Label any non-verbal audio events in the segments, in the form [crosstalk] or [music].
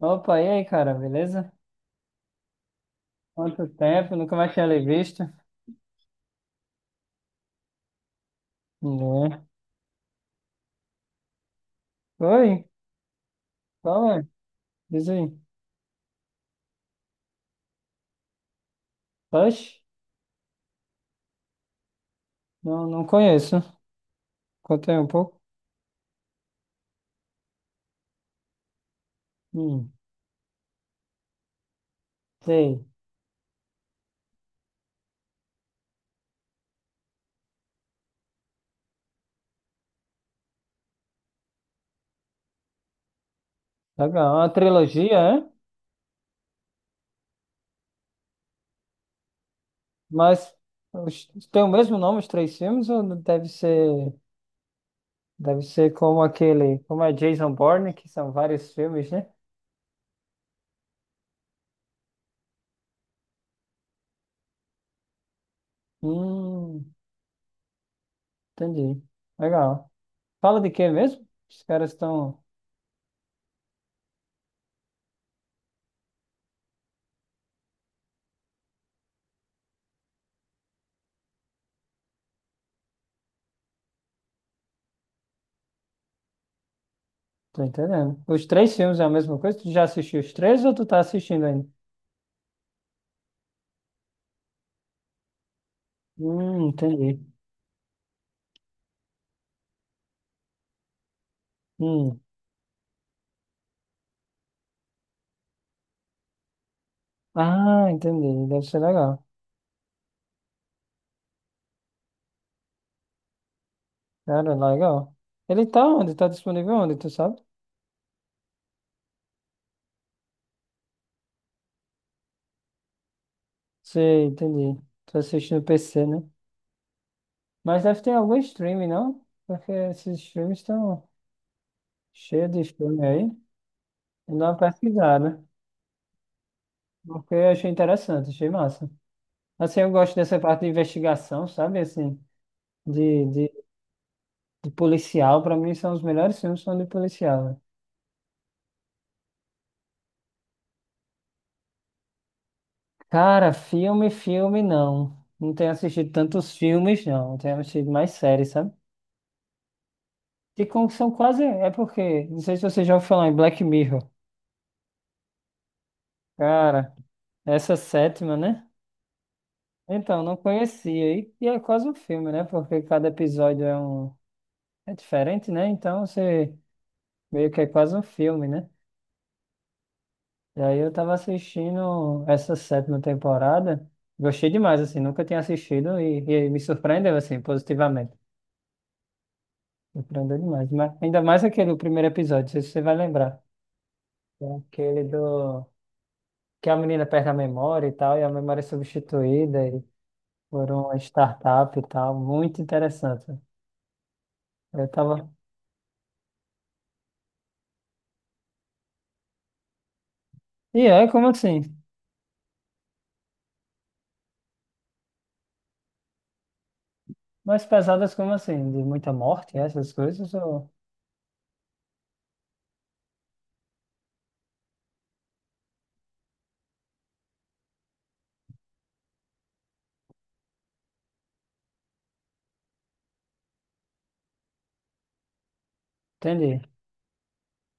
Opa, e aí, cara, beleza? Quanto tempo, nunca mais tinha lhe visto. Né? Oi, qual é? Diz aí. Push? Não, não conheço. Conta aí um pouco. Hum, sei. Legal, é uma trilogia, é? Mas tem o mesmo nome, os três filmes, ou deve ser como aquele, como é Jason Bourne, que são vários filmes, né? Hum, entendi. Legal. Fala de quê mesmo? Os caras estão. Tô entendendo. Os três filmes é a mesma coisa? Tu já assistiu os três ou tu tá assistindo ainda? Entendi. Hum. Ah, entendi. Deve ser legal. Cara, legal. Ele tá onde? Tá disponível onde, tu sabe? Sei, entendi. Tô assistindo PC, né? Mas deve ter algum streaming, não? Porque esses filmes estão cheios de filme aí. Eu dou uma pesquisada. Porque eu achei interessante, achei massa. Assim, eu gosto dessa parte de investigação, sabe? Assim, de, de De policial, pra mim, são os melhores filmes são de policial, né? Cara, filme, filme, não. Não tenho assistido tantos filmes, não. Tenho assistido mais séries, sabe? E como que são quase. É porque. Não sei se você já ouviu falar em Black Mirror. Cara, essa sétima, né? Então, não conhecia. E é quase um filme, né? Porque cada episódio é um. É diferente, né? Então, você. Meio que é quase um filme, né? E aí eu tava assistindo essa sétima temporada. Gostei demais, assim, nunca tinha assistido e me surpreendeu, assim, positivamente. Surpreendeu demais. Mas ainda mais aquele primeiro episódio, não sei se você vai lembrar. É aquele do que a menina perde a memória e tal, e a memória é substituída e por uma startup e tal. Muito interessante. Eu tava. E é, como assim? Mais pesadas como assim? De muita morte, essas coisas? Ou. Entendi.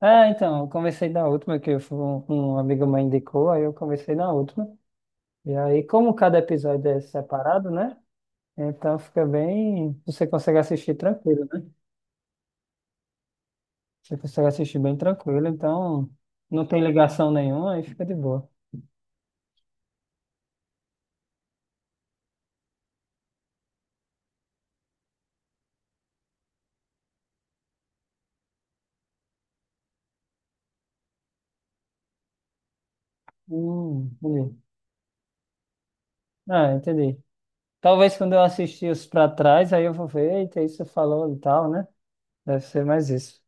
Ah, então, eu comecei na última, que eu fui- um amigo meu indicou, aí eu comecei na última. E aí, como cada episódio é separado, né? Então fica bem. Você consegue assistir tranquilo, né? Você consegue assistir bem tranquilo, então não tem ligação nenhuma, aí fica de boa. Entendi. Ah, entendi. Talvez quando eu assistir os pra trás, aí eu vou ver, eita, isso falou e tal, né? Deve ser mais isso.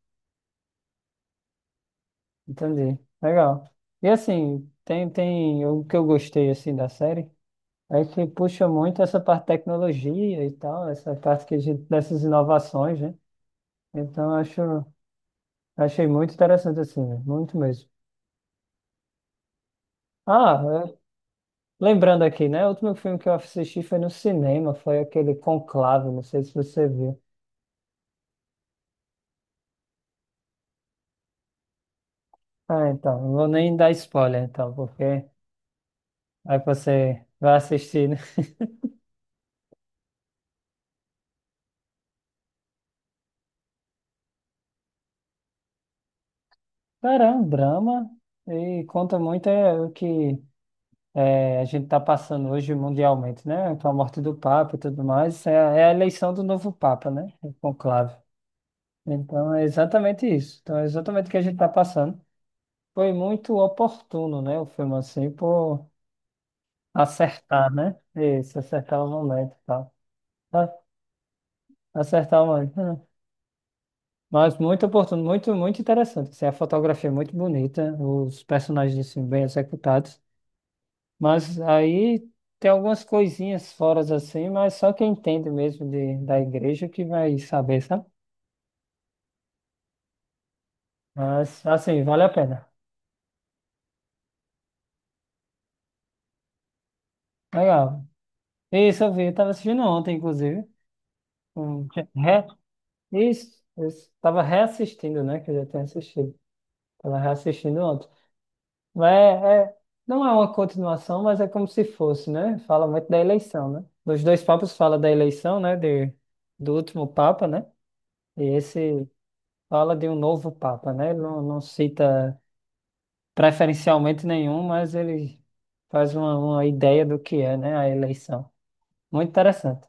Entendi. Legal. E assim, tem o que eu gostei assim da série. Aí que puxa muito essa parte de tecnologia e tal, essa parte que a gente, dessas inovações, né? Então, achei muito interessante, assim, né? Muito mesmo. Ah, é, lembrando aqui, né? O último filme que eu assisti foi no cinema, foi aquele Conclave, não sei se você viu. Ah, então, não vou nem dar spoiler, então, porque aí você vai assistir, né? [laughs] Cara, é um drama e conta muito, o que é, a gente está passando hoje mundialmente, né? Com a morte do Papa e tudo mais, é a eleição do novo Papa, né? O conclave. Então, é exatamente isso. Então, é exatamente o que a gente está passando. Foi muito oportuno, né? O filme, assim, por acertar, né? Isso, acertar o momento e tal. Ah, acertar o momento. Hum. Mas muito oportuno, muito, muito interessante. Assim, a fotografia é muito bonita, os personagens, assim, bem executados. Mas aí tem algumas coisinhas fora assim, mas só quem entende mesmo da igreja que vai saber, sabe? Mas assim, vale a pena. Legal. Isso, eu vi, eu tava assistindo ontem, inclusive. Um, re, isso, isso. Tava reassistindo, né? Que eu já tinha assistido. Tava reassistindo ontem. Mas é, é- não é uma continuação, mas é como se fosse, né? Fala muito da eleição, né? Nos dois papas fala da eleição, né? Do último papa, né? E esse fala de um novo Papa, né? Ele não cita preferencialmente nenhum, mas ele faz uma ideia do que é, né, a eleição. Muito interessante.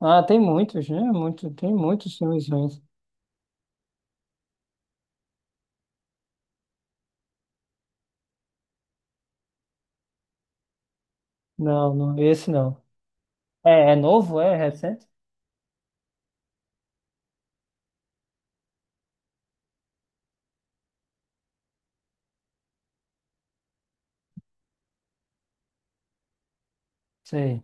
Ah, tem muitos, né? Tem muitos filmes ruins. Não, não, esse não. É novo? É recente? Sei.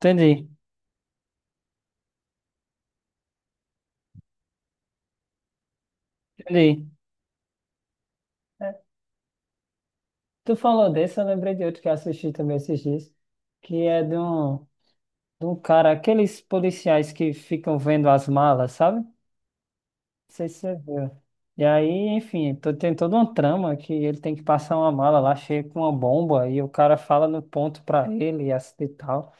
Entendi, entendi. É, tu falou desse, eu lembrei de outro que eu assisti também esses dias, que é de um cara, aqueles policiais que ficam vendo as malas, sabe? Sei se você viu. E aí, enfim, tem toda uma trama que ele tem que passar uma mala lá cheia com uma bomba e o cara fala no ponto pra ele e assim e tal.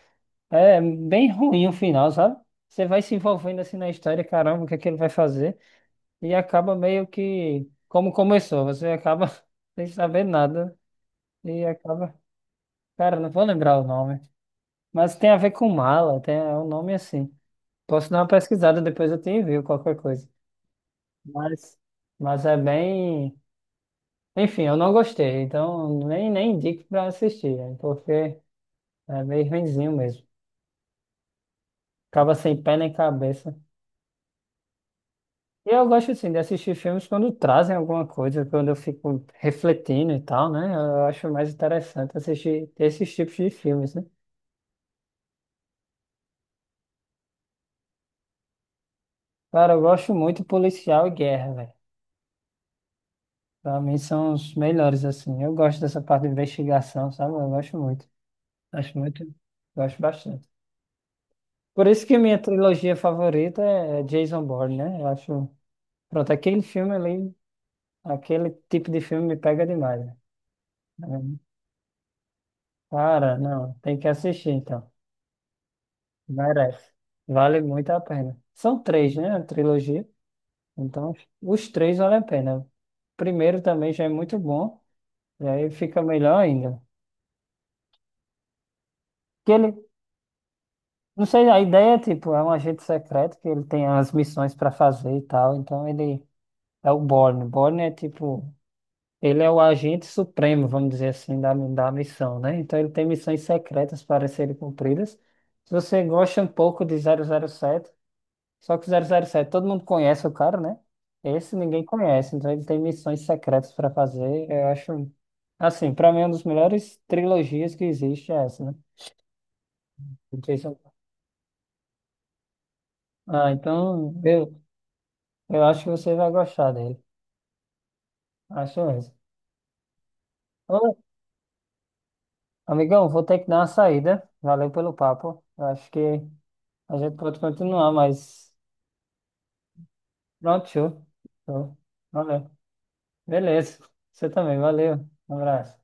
É bem ruim o final, sabe? Você vai se envolvendo assim na história, caramba, o que é que ele vai fazer? E acaba meio que como começou, você acaba [laughs] sem saber nada e acaba. Cara, não vou lembrar o nome, mas tem a ver com mala, tem é um nome assim. Posso dar uma pesquisada depois eu te envio qualquer coisa. Mas, mas é bem. Enfim, eu não gostei, então nem indico pra assistir, né, porque é meio ruinzinho mesmo. Acaba sem pé nem cabeça. E eu gosto, assim, de assistir filmes quando trazem alguma coisa, quando eu fico refletindo e tal, né? Eu acho mais interessante assistir esses tipos de filmes, né? Cara, eu gosto muito policial e guerra, velho. Pra mim são os melhores, assim. Eu gosto dessa parte de investigação, sabe? Eu gosto muito. Acho muito. Gosto bastante. Por isso que minha trilogia favorita é Jason Bourne, né? Eu acho. Pronto, aquele filme ali, aquele tipo de filme me pega demais, né? Aí, cara, não, tem que assistir então. Merece. Vale muito a pena. São três, né? A trilogia. Então, os três valem a pena. O primeiro também já é muito bom. E aí fica melhor ainda. Que ele, não sei, a ideia é tipo, é um agente secreto que ele tem as missões para fazer e tal. Então ele é o Bourne. Bourne é tipo, ele é o agente supremo, vamos dizer assim, da missão, né? Então ele tem missões secretas para serem cumpridas. Se você gosta um pouco de 007, só que o 007, todo mundo conhece o cara, né? Esse ninguém conhece, então ele tem missões secretas para fazer. Eu acho, assim, para mim, uma das melhores trilogias que existe é essa, né? Do Jason. Ah, então eu acho que você vai gostar dele. Acho mesmo. Ô, amigão, vou ter que dar uma saída. Valeu pelo papo. Eu acho que a gente pode continuar, mas pronto, show. Show. Valeu. Beleza. Você também, valeu. Um abraço.